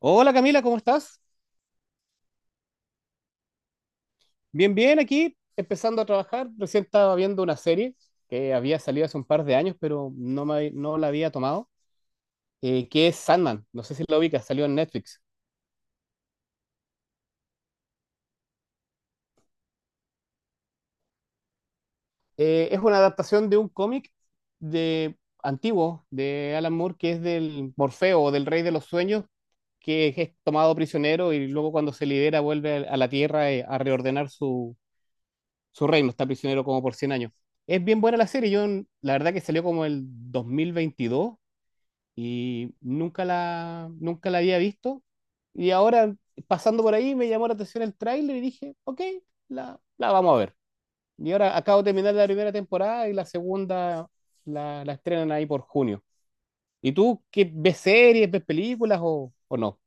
Hola Camila, ¿cómo estás? Bien, bien, aquí empezando a trabajar. Recién estaba viendo una serie que había salido hace un par de años, pero no, me, no la había tomado, que es Sandman. No sé si la ubicas, salió en Netflix. Es una adaptación de un cómic de, antiguo de Alan Moore, que es del Morfeo o del Rey de los Sueños, que es tomado prisionero y luego cuando se libera vuelve a la Tierra a reordenar su, su reino, está prisionero como por 100 años. Es bien buena la serie, yo la verdad que salió como el 2022 y nunca la había visto. Y ahora, pasando por ahí, me llamó la atención el tráiler y dije, ok, la vamos a ver. Y ahora acabo de terminar la primera temporada y la segunda la estrenan ahí por junio. ¿Y tú qué ves series, ves películas o no?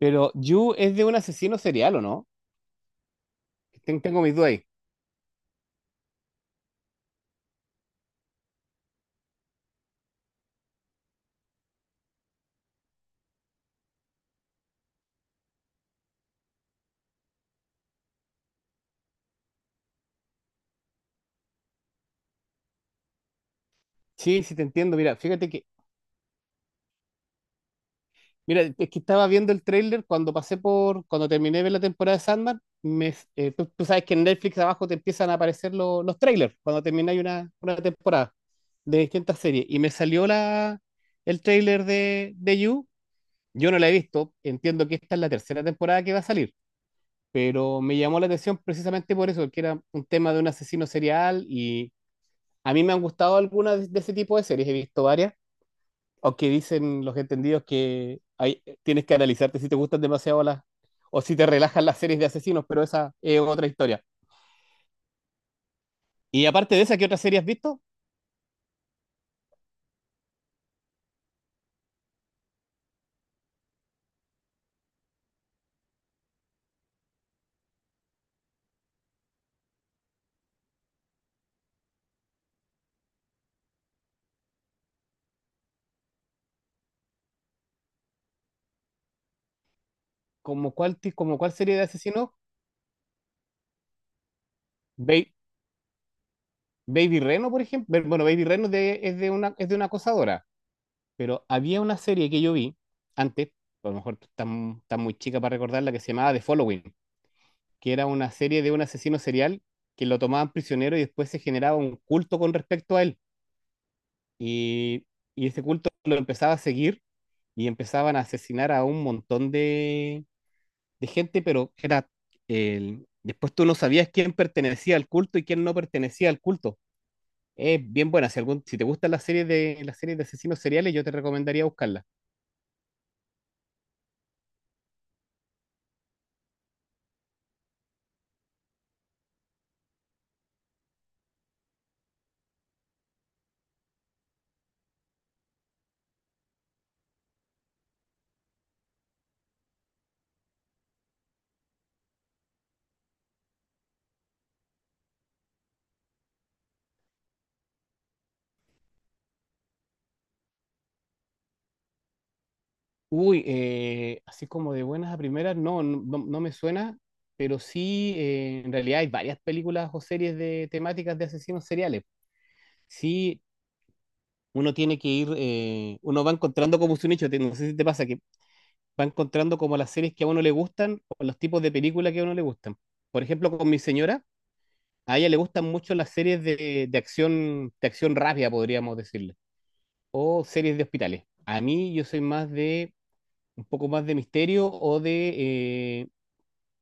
Pero You es de un asesino serial, ¿o no? Tengo mis dudas ahí. Sí, sí, te entiendo. Mira, fíjate que mira, es que estaba viendo el tráiler cuando pasé por, cuando terminé de ver la temporada de Sandman, me, tú, sabes que en Netflix abajo te empiezan a aparecer los trailers cuando termináis una temporada de distintas series. Y me salió la, el tráiler de You. Yo no la he visto, entiendo que esta es la tercera temporada que va a salir, pero me llamó la atención precisamente por eso, que era un tema de un asesino serial y a mí me han gustado algunas de ese tipo de series, he visto varias aunque dicen los entendidos que hay, tienes que analizarte si te gustan demasiado las o si te relajan las series de asesinos, pero esa es otra historia. Y aparte de esa, ¿qué otra serie has visto? ¿Como cuál, como cuál serie de asesinos? Ba- Baby Reno, por ejemplo. Bueno, Baby Reno es de una acosadora, pero había una serie que yo vi antes, a lo mejor está, está muy chica para recordarla, que se llamaba The Following, que era una serie de un asesino serial que lo tomaban prisionero y después se generaba un culto con respecto a él. Y, y ese culto lo empezaba a seguir y empezaban a asesinar a un montón de gente, pero era después tú no sabías quién pertenecía al culto y quién no pertenecía al culto. Es bien buena. Si, algún, si te gustan las series de asesinos seriales, yo te recomendaría buscarla. Uy, así como de buenas a primeras, no, no, no me suena, pero sí, en realidad hay varias películas o series de temáticas de asesinos seriales. Sí, uno tiene que ir, uno va encontrando como su nicho, no sé si te pasa, que va encontrando como las series que a uno le gustan o los tipos de películas que a uno le gustan. Por ejemplo, con mi señora, a ella le gustan mucho las series de acción rápida, podríamos decirle, o series de hospitales. A mí yo soy más de, un poco más de misterio o de, eh,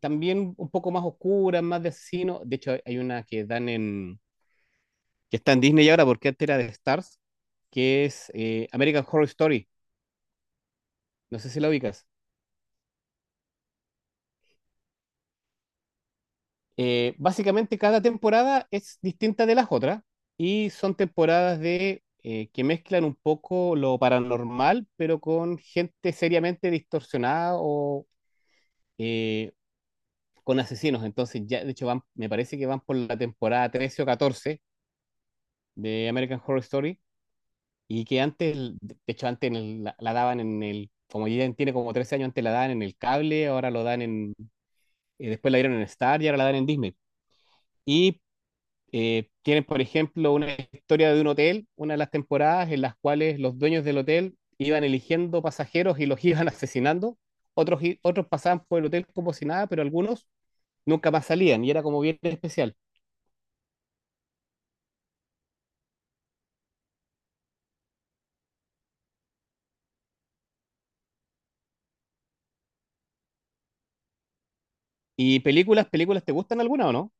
también un poco más oscura, más de asesino. De hecho, hay una que dan en, que está en Disney ahora, porque antes era de Stars, que es American Horror Story. No sé si la ubicas. Básicamente cada temporada es distinta de las otras y son temporadas de que mezclan un poco lo paranormal, pero con gente seriamente distorsionada o eh, con asesinos. Entonces ya, de hecho, van, me parece que van por la temporada 13 o 14 de American Horror Story y que antes, de hecho, antes en la, la daban en el, como ya tiene como 13 años, antes la daban en el cable, ahora lo dan en, después la dieron en Star y ahora la dan en Disney. Y tienen, por ejemplo, una historia de un hotel, una de las temporadas en las cuales los dueños del hotel iban eligiendo pasajeros y los iban asesinando. Otros, otros pasaban por el hotel como si nada, pero algunos nunca más salían y era como bien especial. ¿Y películas, películas, te gustan alguna o no?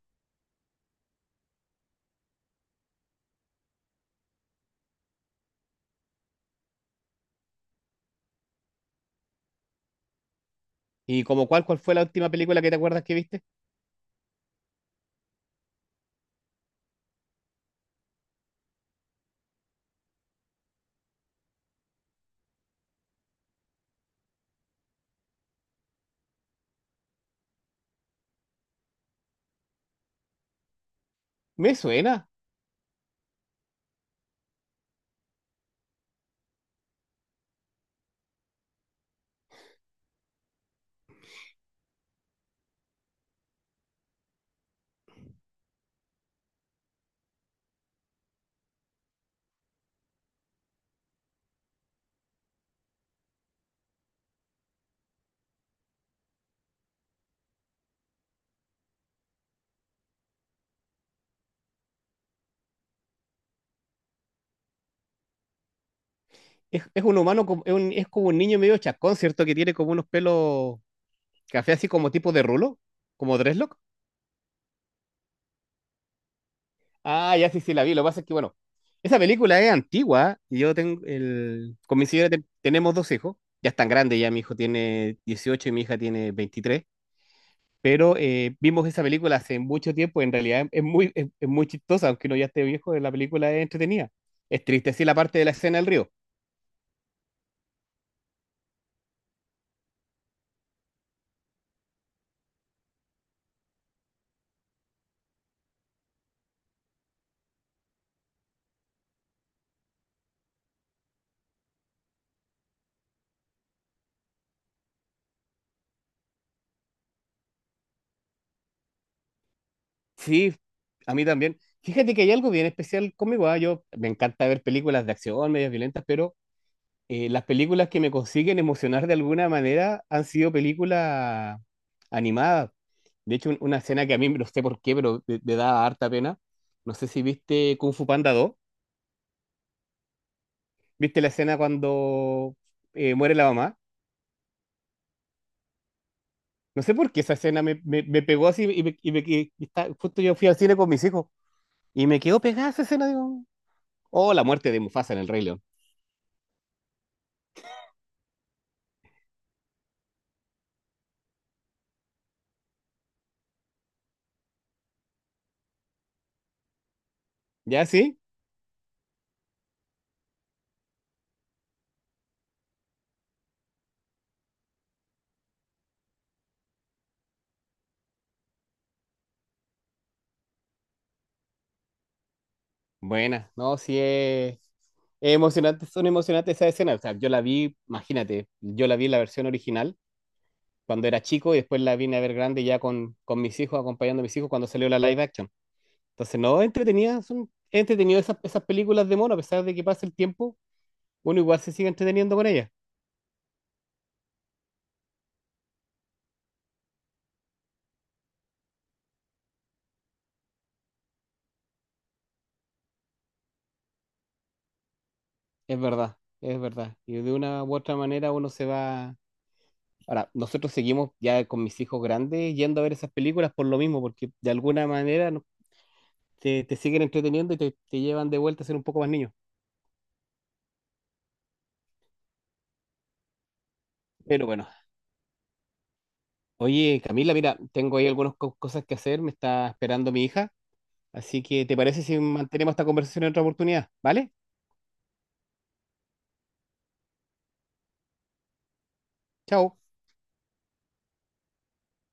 ¿Y como cuál, cuál fue la última película que te acuerdas que viste? Me suena. Es un humano, es, es como un niño medio chacón, ¿cierto? Que tiene como unos pelos café así como tipo de rulo, como dreadlock. Ah, ya sí, sí, la vi. Lo que pasa es que, bueno, esa película es antigua. Yo tengo el... Con mi señora tenemos dos hijos. Ya están grandes, ya mi hijo tiene 18 y mi hija tiene 23. Pero vimos esa película hace mucho tiempo. En realidad es muy chistosa, aunque uno ya esté viejo, la película es entretenida. Es triste, sí, la parte de la escena del río. Sí, a mí también. Fíjate que hay algo bien especial conmigo. Yo me encanta ver películas de acción, medias violentas, pero las películas que me consiguen emocionar de alguna manera han sido películas animadas. De hecho, una escena que a mí no sé por qué, pero me da harta pena. No sé si viste Kung Fu Panda 2. ¿Viste la escena cuando muere la mamá? No sé por qué esa escena me, me pegó así y, me, justo yo fui al cine con mis hijos y me quedó pegada esa escena. Digo, oh, la muerte de Mufasa en El Rey León. ¿Ya sí? Buena, no, sí es emocionante, son emocionantes esas escenas. O sea, yo la vi, imagínate, yo la vi en la versión original cuando era chico y después la vine a ver grande ya con mis hijos, acompañando a mis hijos cuando salió la live action. Entonces, no, entretenida, son es entretenido esas, esas películas de mono, a pesar de que pase el tiempo, uno igual se sigue entreteniendo con ellas. Es verdad, es verdad. Y de una u otra manera uno se va. Ahora, nosotros seguimos ya con mis hijos grandes yendo a ver esas películas por lo mismo, porque de alguna manera te, te siguen entreteniendo y te llevan de vuelta a ser un poco más niño. Pero bueno, oye Camila, mira, tengo ahí algunas cosas que hacer, me está esperando mi hija, así que ¿te parece si mantenemos esta conversación en otra oportunidad? ¿Vale? Chao.